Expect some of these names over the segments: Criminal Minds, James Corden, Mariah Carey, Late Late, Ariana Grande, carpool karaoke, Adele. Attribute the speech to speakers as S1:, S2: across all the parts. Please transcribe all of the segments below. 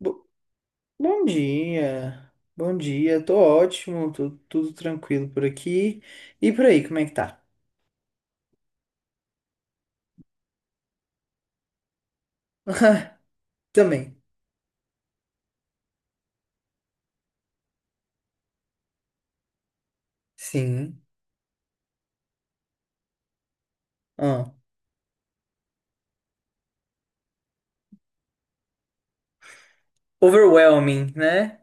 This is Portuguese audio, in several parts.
S1: Bo- bom dia, tô ótimo, tô tudo tranquilo por aqui. E por aí, como é que tá? Também. Sim. Ah. Overwhelming, né?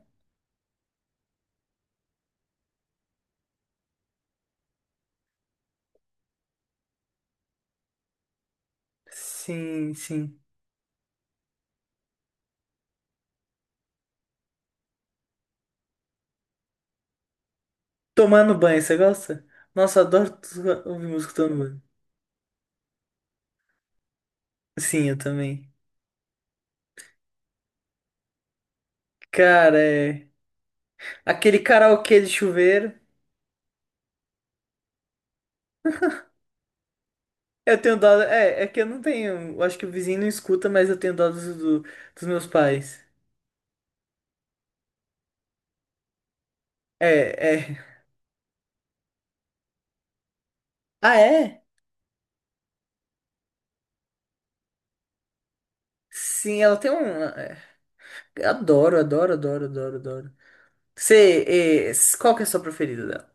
S1: Sim, sim. Tomando banho, você gosta? Nossa, eu adoro ouvir música tomando banho. Sim, eu também. Cara, é. Aquele karaokê de chuveiro. Eu tenho dó. É que eu não tenho. Eu acho que o vizinho não escuta, mas eu tenho dó dos meus pais. É, é. Ah, é? Sim, ela tem um. É, adoro, adoro, adoro, adoro, adoro. Você, qual que é a sua preferida dela?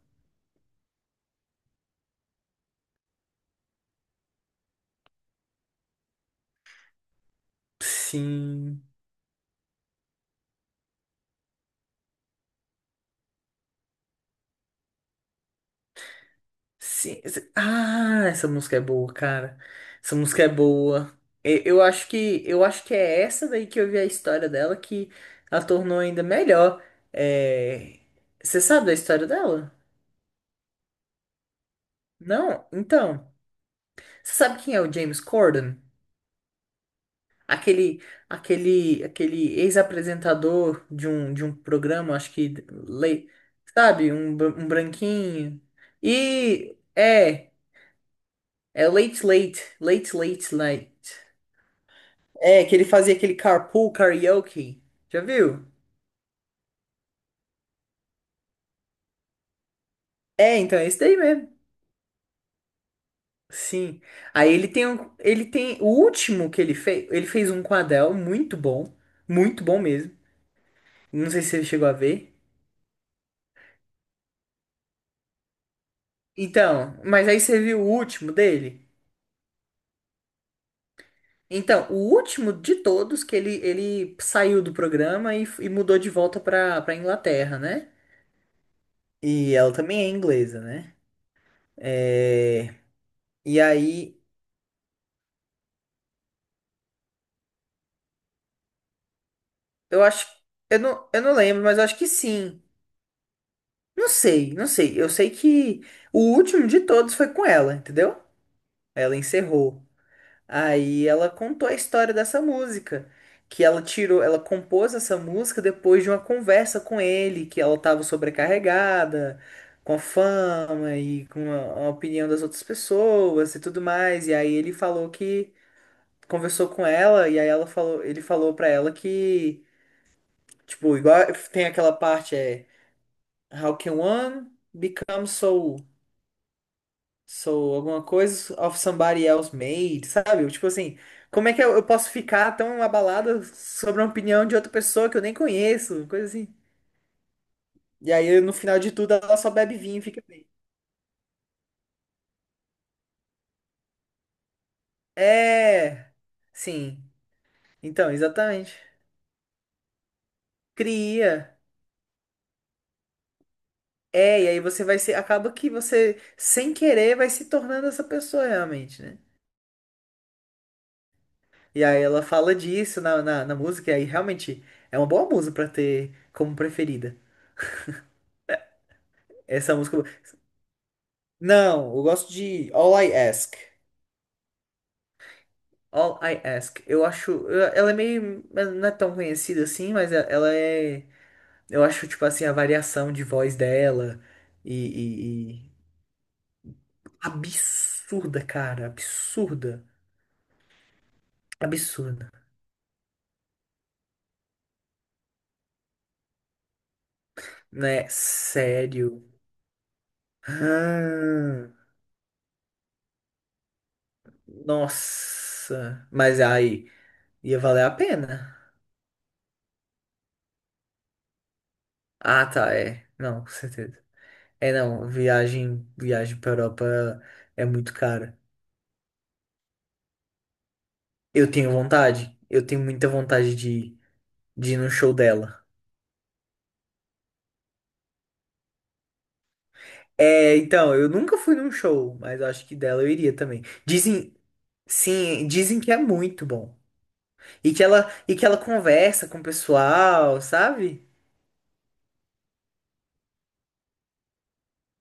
S1: Sim, sim. Ah, essa música é boa, cara. Essa música é boa. Eu acho que, é essa daí que eu vi a história dela que a tornou ainda melhor. É. Você sabe da história dela? Não? Então, você sabe quem é o James Corden? Aquele, aquele ex-apresentador de um programa, acho que, sabe, um branquinho. E é, é Late Late, Late Late Late. É, que ele fazia aquele carpool karaoke. Já viu? É, então é esse daí mesmo. Sim. Aí ele tem um, ele tem o último que ele fez um quadel muito bom mesmo. Não sei se você chegou a ver. Então, mas aí você viu o último dele? Então, o último de todos que ele saiu do programa e mudou de volta pra Inglaterra, né? E ela também é inglesa, né? É, e aí, eu acho. Eu não lembro, mas eu acho que sim. Não sei, não sei. Eu sei que o último de todos foi com ela, entendeu? Ela encerrou. Aí ela contou a história dessa música, que ela tirou, ela compôs essa música depois de uma conversa com ele, que ela estava sobrecarregada com a fama e com a opinião das outras pessoas e tudo mais. E aí ele falou que conversou com ela e aí ele falou pra ela que, tipo, igual tem aquela parte é how can one become so, sou alguma coisa of somebody else made, sabe? Tipo assim, como é que eu posso ficar tão abalada sobre a opinião de outra pessoa que eu nem conheço? Coisa assim. E aí, no final de tudo, ela só bebe vinho e fica bem. É, sim. Então, exatamente. Cria. É, e aí você vai ser. Acaba que você, sem querer, vai se tornando essa pessoa realmente, né? E aí ela fala disso na música, e aí realmente é uma boa música pra ter como preferida. Essa música. Não, eu gosto de All I Ask. All I Ask. Eu acho. Ela é meio. Não é tão conhecida assim, mas ela é. Eu acho, tipo assim, a variação de voz dela. E. e- e- Absurda, cara. Absurda. Absurda. Né? Sério. Ah, nossa. Mas aí. Ia valer a pena. Ah, tá. É. Não, com certeza. É, não. Viagem pra Europa é muito cara. Eu tenho vontade. Eu tenho muita vontade de ir num show dela. É, então, eu nunca fui num show, mas eu acho que dela eu iria também. Dizem, sim, dizem que é muito bom. E que ela conversa com o pessoal, sabe?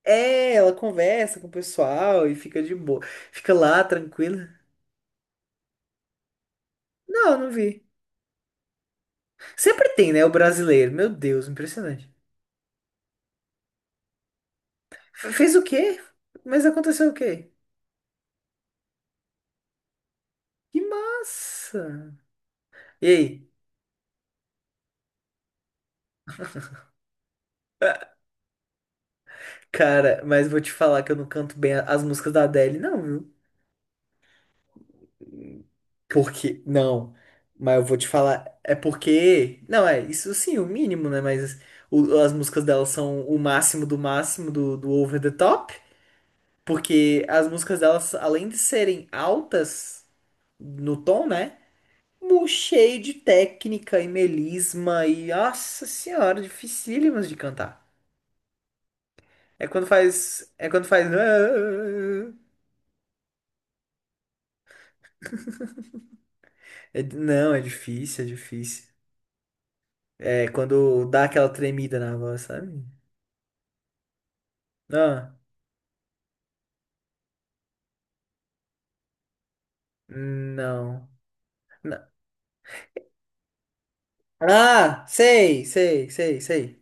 S1: É, ela conversa com o pessoal e fica de boa. Fica lá, tranquila. Não, não vi. Sempre tem, né, o brasileiro. Meu Deus, impressionante. Fez o quê? Mas aconteceu o quê? Que massa! E aí? Cara, mas vou te falar que eu não canto bem as músicas da Adele, não, viu? Porque, não. Mas eu vou te falar, é porque. Não, é, isso sim, o mínimo, né? Mas as músicas delas são o máximo do máximo do over the top. Porque as músicas delas, além de serem altas no tom, né? Cheio de técnica e melisma e, nossa senhora, dificílimas de cantar. É quando faz. É quando faz. "Ah", não, é difícil, é difícil. É, quando dá aquela tremida na voz, sabe? Ah, não. Na- Ah, sei, sei, sei, sei.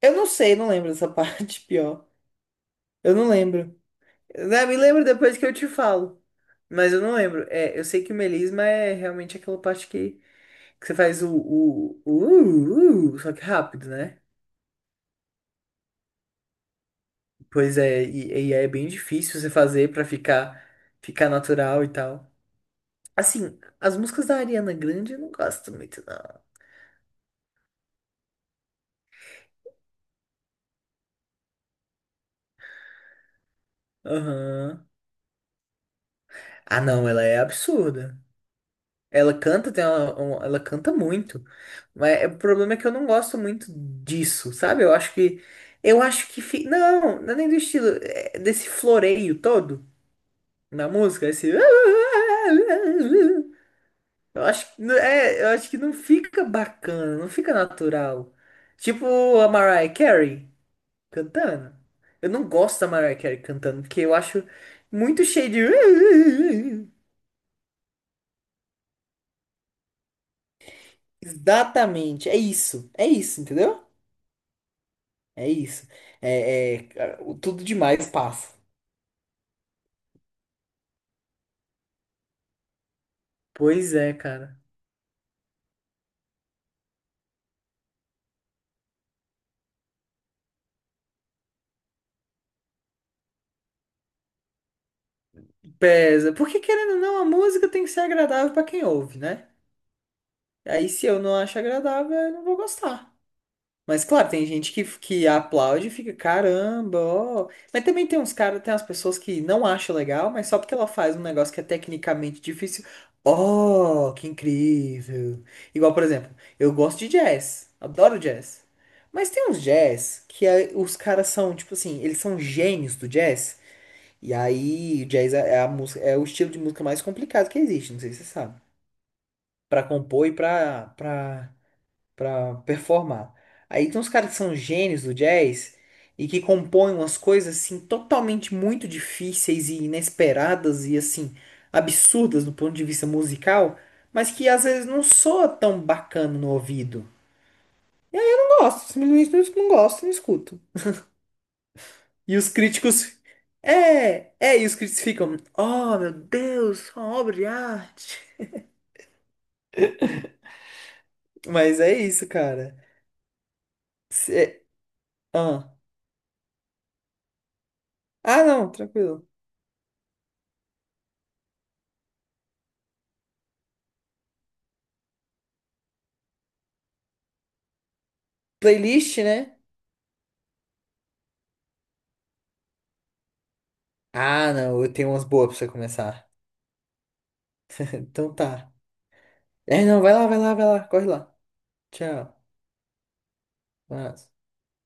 S1: Eu não sei, não lembro dessa parte, pior. Eu não lembro. Ah, me lembro depois que eu te falo. Mas eu não lembro. É, eu sei que o melisma é realmente aquela parte que você faz o, só que rápido, né? Pois é, e é bem difícil você fazer pra ficar natural e tal. Assim, as músicas da Ariana Grande eu não gosto muito, não. Aham. Ah, não, ela é absurda. Ela canta, ela canta muito. Mas o problema é que eu não gosto muito disso, sabe? Eu acho que. Eu acho que. Não, não é nem do estilo. É desse floreio todo na música, esse. Eu acho que, é, eu acho que não fica bacana, não fica natural. Tipo a Mariah Carey cantando. Eu não gosto da Mariah Carey cantando, porque eu acho muito cheio de. Exatamente, é isso, entendeu? É isso. É, cara, o tudo demais passa. Pois é, cara. Pesa. Porque querendo ou não, a música tem que ser agradável pra quem ouve, né? Aí se eu não acho agradável, eu não vou gostar. Mas claro, tem gente que aplaude e fica, caramba, ó. Mas também tem umas pessoas que não acham legal, mas só porque ela faz um negócio que é tecnicamente difícil. Oh, que incrível. Igual, por exemplo, eu gosto de jazz, adoro jazz. Mas tem uns jazz que os caras são, tipo assim, eles são gênios do jazz. E aí, o jazz é a música, é o estilo de música mais complicado que existe, não sei se você sabe. Pra compor e pra performar. Aí tem uns caras que são gênios do jazz e que compõem umas coisas assim totalmente muito difíceis e inesperadas e assim absurdas do ponto de vista musical, mas que às vezes não soa tão bacana no ouvido. Não gosto, simplesmente não, não gosto, não escuto. E os críticos e os críticos ficam, oh meu Deus, uma obra de arte. Mas é isso, cara. Cê- Ah. Ah, não, tranquilo. Playlist, né? Ah, não, eu tenho umas boas pra você começar. Então tá. É, não, vai lá, vai lá, vai lá, corre lá. Tchau. Um abraço.